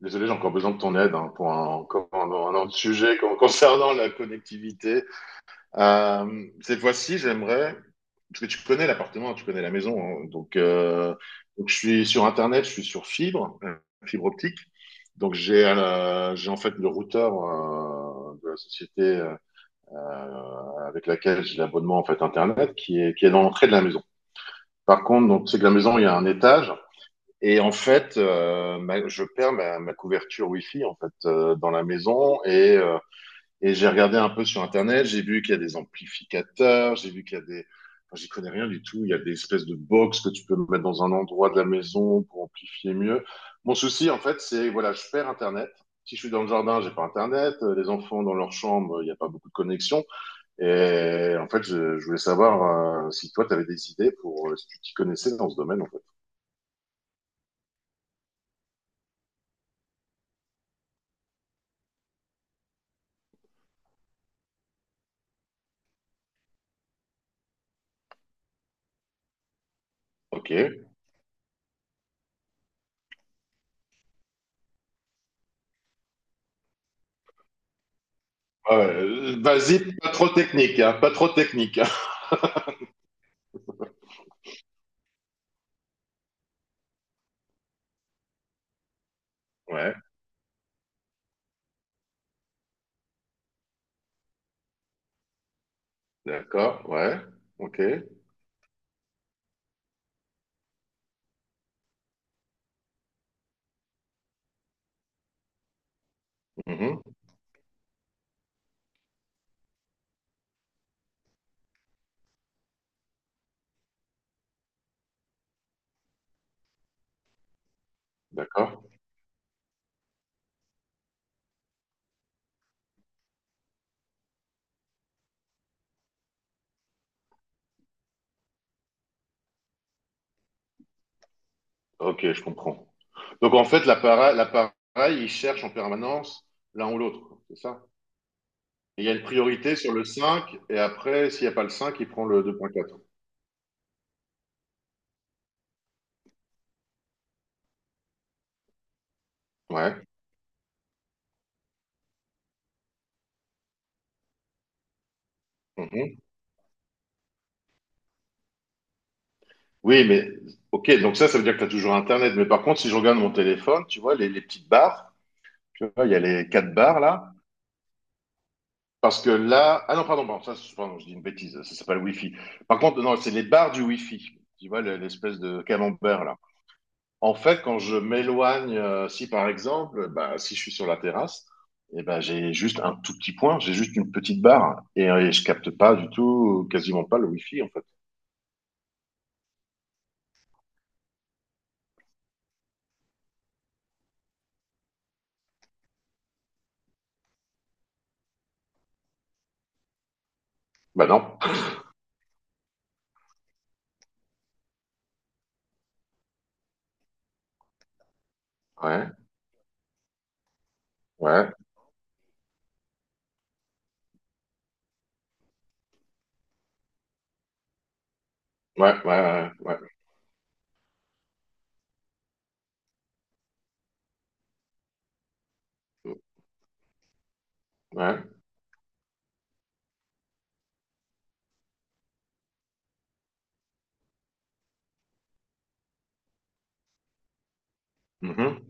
Désolé, j'ai encore besoin de ton aide, hein, pour un, encore un autre sujet concernant la connectivité. Cette fois-ci, j'aimerais, parce que tu connais l'appartement, tu connais la maison, hein, donc je suis sur Internet, je suis sur fibre, fibre optique. Donc j'ai en fait le routeur de la société avec laquelle j'ai l'abonnement en fait Internet qui est dans l'entrée de la maison. Par contre, donc c'est que la maison, il y a un étage. Et en fait, je perds ma couverture Wi-Fi en fait, dans la maison et et j'ai regardé un peu sur Internet. J'ai vu qu'il y a des amplificateurs, j'ai vu qu'il y a des, enfin, j'y connais rien du tout. Il y a des espèces de box que tu peux mettre dans un endroit de la maison pour amplifier mieux. Mon souci en fait, c'est voilà, je perds Internet. Si je suis dans le jardin, j'ai pas Internet. Les enfants dans leur chambre, il n'y a pas beaucoup de connexion. Et en fait, je voulais savoir si toi, tu avais des idées pour, si tu t'y connaissais dans ce domaine en fait. Ok. Ouais, vas-y, pas trop technique, hein, pas trop technique. Hein. Ouais, d'accord, ouais, ok, mhm, d'accord, ok, je comprends. Donc en fait, l'appareil, il cherche en permanence l'un ou l'autre, c'est ça? Il y a une priorité sur le 5, et après, s'il n'y a pas le 5, il prend le 2.4. Ouais, mhm. Oui, mais ok, donc ça veut dire que tu as toujours Internet. Mais par contre, si je regarde mon téléphone, tu vois, les petites barres, tu vois, il y a les quatre barres là. Parce que là, ah non, pardon, pardon, ça, c'est- pardon, je dis une bêtise, ça s'appelle Wi-Fi. Par contre, non, c'est les barres du Wi-Fi. Tu vois, le- l'espèce de camembert, là. En fait, quand je m'éloigne, si par exemple, bah, si je suis sur la terrasse, eh ben, j'ai juste un tout petit point, j'ai juste une petite barre et et je capte pas du tout, quasiment pas le Wi-Fi, en fait. Bah non. Ouais, ouais, ouais, ouais, ouais, ouais. Ouais. Mhm.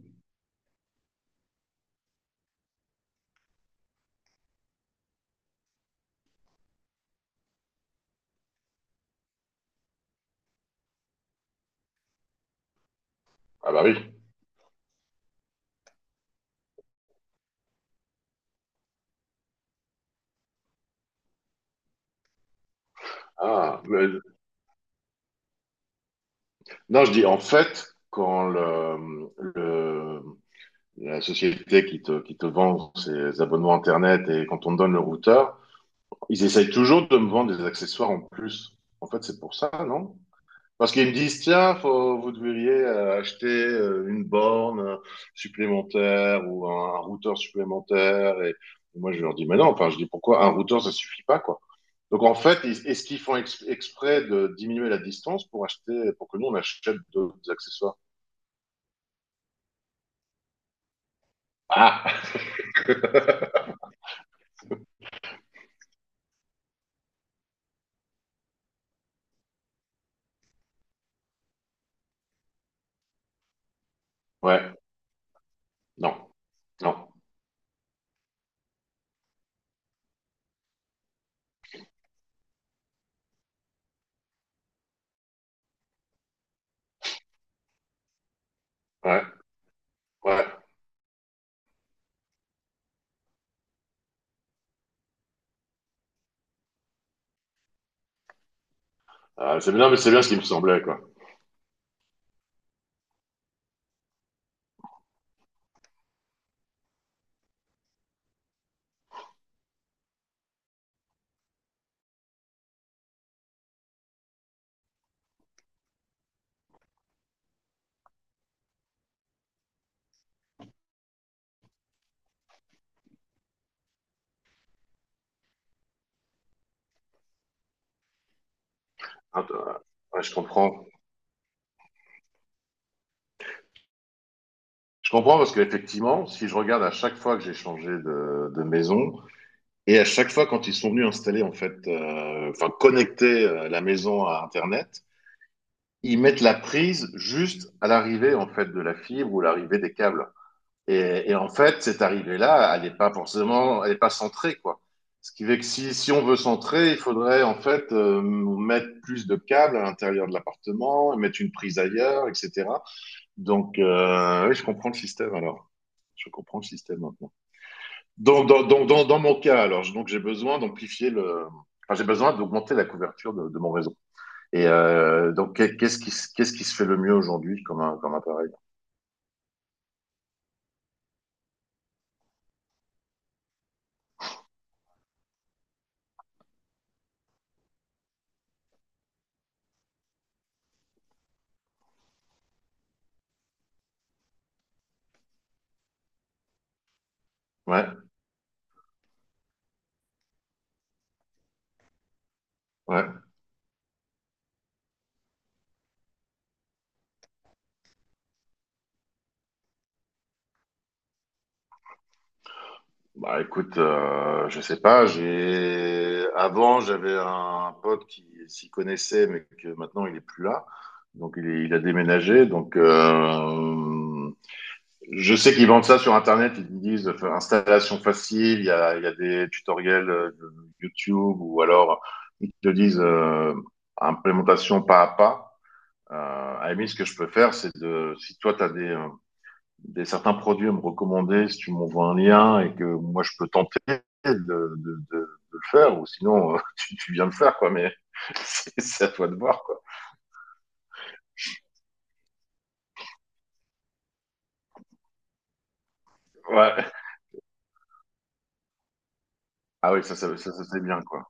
Ah bah oui. Ah, mais- non, je dis en fait, quand la société qui te vend ses abonnements Internet et quand on me donne le routeur, ils essayent toujours de me vendre des accessoires en plus. En fait, c'est pour ça, non? Parce qu'ils me disent, tiens, faut, vous devriez acheter une borne supplémentaire ou un routeur supplémentaire. Et moi, je leur dis, mais non, enfin, je dis, pourquoi un routeur, ça suffit pas, quoi. Donc, en fait, ils- est-ce qu'ils font exprès de diminuer la distance pour acheter, pour que nous, on achète d'autres accessoires? Ah, ouais, non, non, ouais, ouais. C'est- non, mais c'est bien ce qui me semblait, quoi. Hein, ouais, je comprends. Je comprends parce qu'effectivement, si je regarde à chaque fois que j'ai changé de maison et à chaque fois quand ils sont venus installer, en fait, enfin, connecter la maison à Internet, ils mettent la prise juste à l'arrivée, en fait, de la fibre ou l'arrivée des câbles. Et en fait, cette arrivée-là, elle n'est pas forcément, elle n'est pas centrée, quoi. Ce qui fait que si, si on veut centrer, il faudrait en fait mettre plus de câbles à l'intérieur de l'appartement, mettre une prise ailleurs, etc. Donc, oui, je comprends le système alors. Je comprends le système maintenant. Dans mon cas, alors, je- donc j'ai besoin d'amplifier le. Enfin, j'ai besoin d'augmenter la couverture de mon réseau. Et donc, qu'est-ce qui, qu'est-ce qui se fait le mieux aujourd'hui comme, comme appareil? Ouais, ouais. Bah écoute, je sais pas. J'avais un pote qui s'y connaissait, mais que maintenant il est plus là. Donc il a déménagé. Donc je sais qu'ils vendent ça sur Internet, ils disent enfin, installation facile, il y a des tutoriels de YouTube ou alors ils te disent implémentation pas à pas. Euh, à la limite, ce que je peux faire, c'est de, si toi, tu as des certains produits à me recommander, si tu m'envoies un lien et que moi, je peux tenter de le faire, ou sinon, tu viens le faire, quoi, mais c'est à toi de voir, quoi. Ouais. Ah oui, ça, c'est bien, quoi.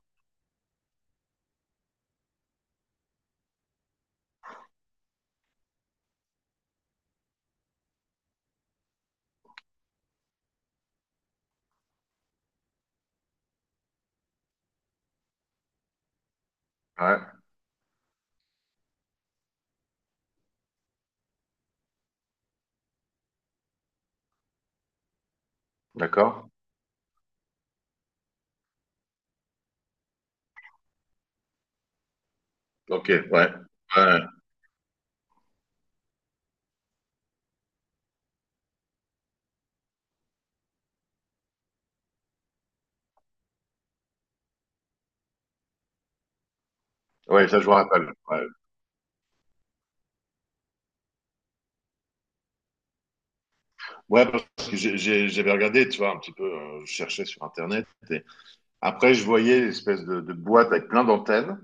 Ouais, d'accord. Ok, ouais. Ouais. Ouais, ça je me rappelle. Ouais, ouais, parce que j'avais regardé, tu vois, un petit peu, je cherchais sur Internet. Et après, je voyais l'espèce de boîte avec plein d'antennes.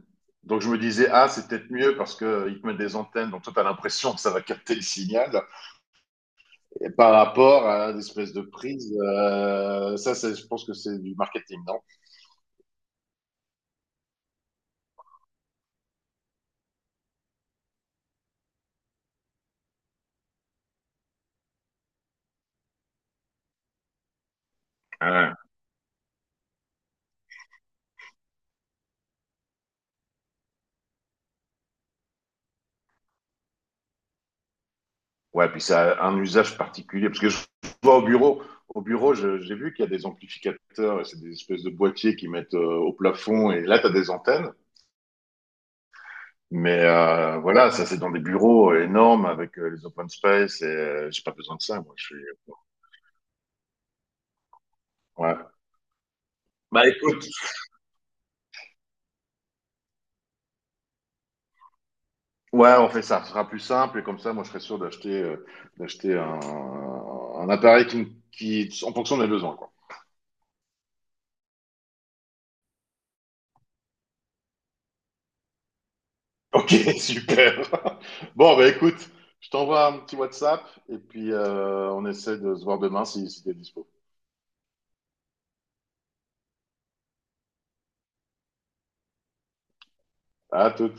Donc je me disais, ah, c'est peut-être mieux parce que ils te mettent des antennes, donc toi, tu as l'impression que ça va capter le signal. Et par rapport à l'espèce de prise, ça, c'est- je pense que c'est du marketing, non? Ouais, ouais, puis ça a un usage particulier. Parce que je vois au bureau, j'ai vu qu'il y a des amplificateurs, et c'est des espèces de boîtiers qui mettent au plafond, et là, tu as des antennes. Mais voilà, ça c'est dans des bureaux énormes avec les open space et j'ai pas besoin de ça, moi. Je suis... ouais. Bah écoute, ouais, on fait ça, ce sera plus simple et comme ça, moi je serai sûr d'acheter d'acheter un appareil qui en fonction des besoins, quoi. Ok, super. Bon, bah écoute, je t'envoie un petit WhatsApp et puis on essaie de se voir demain si, si t'es dispo. À tout.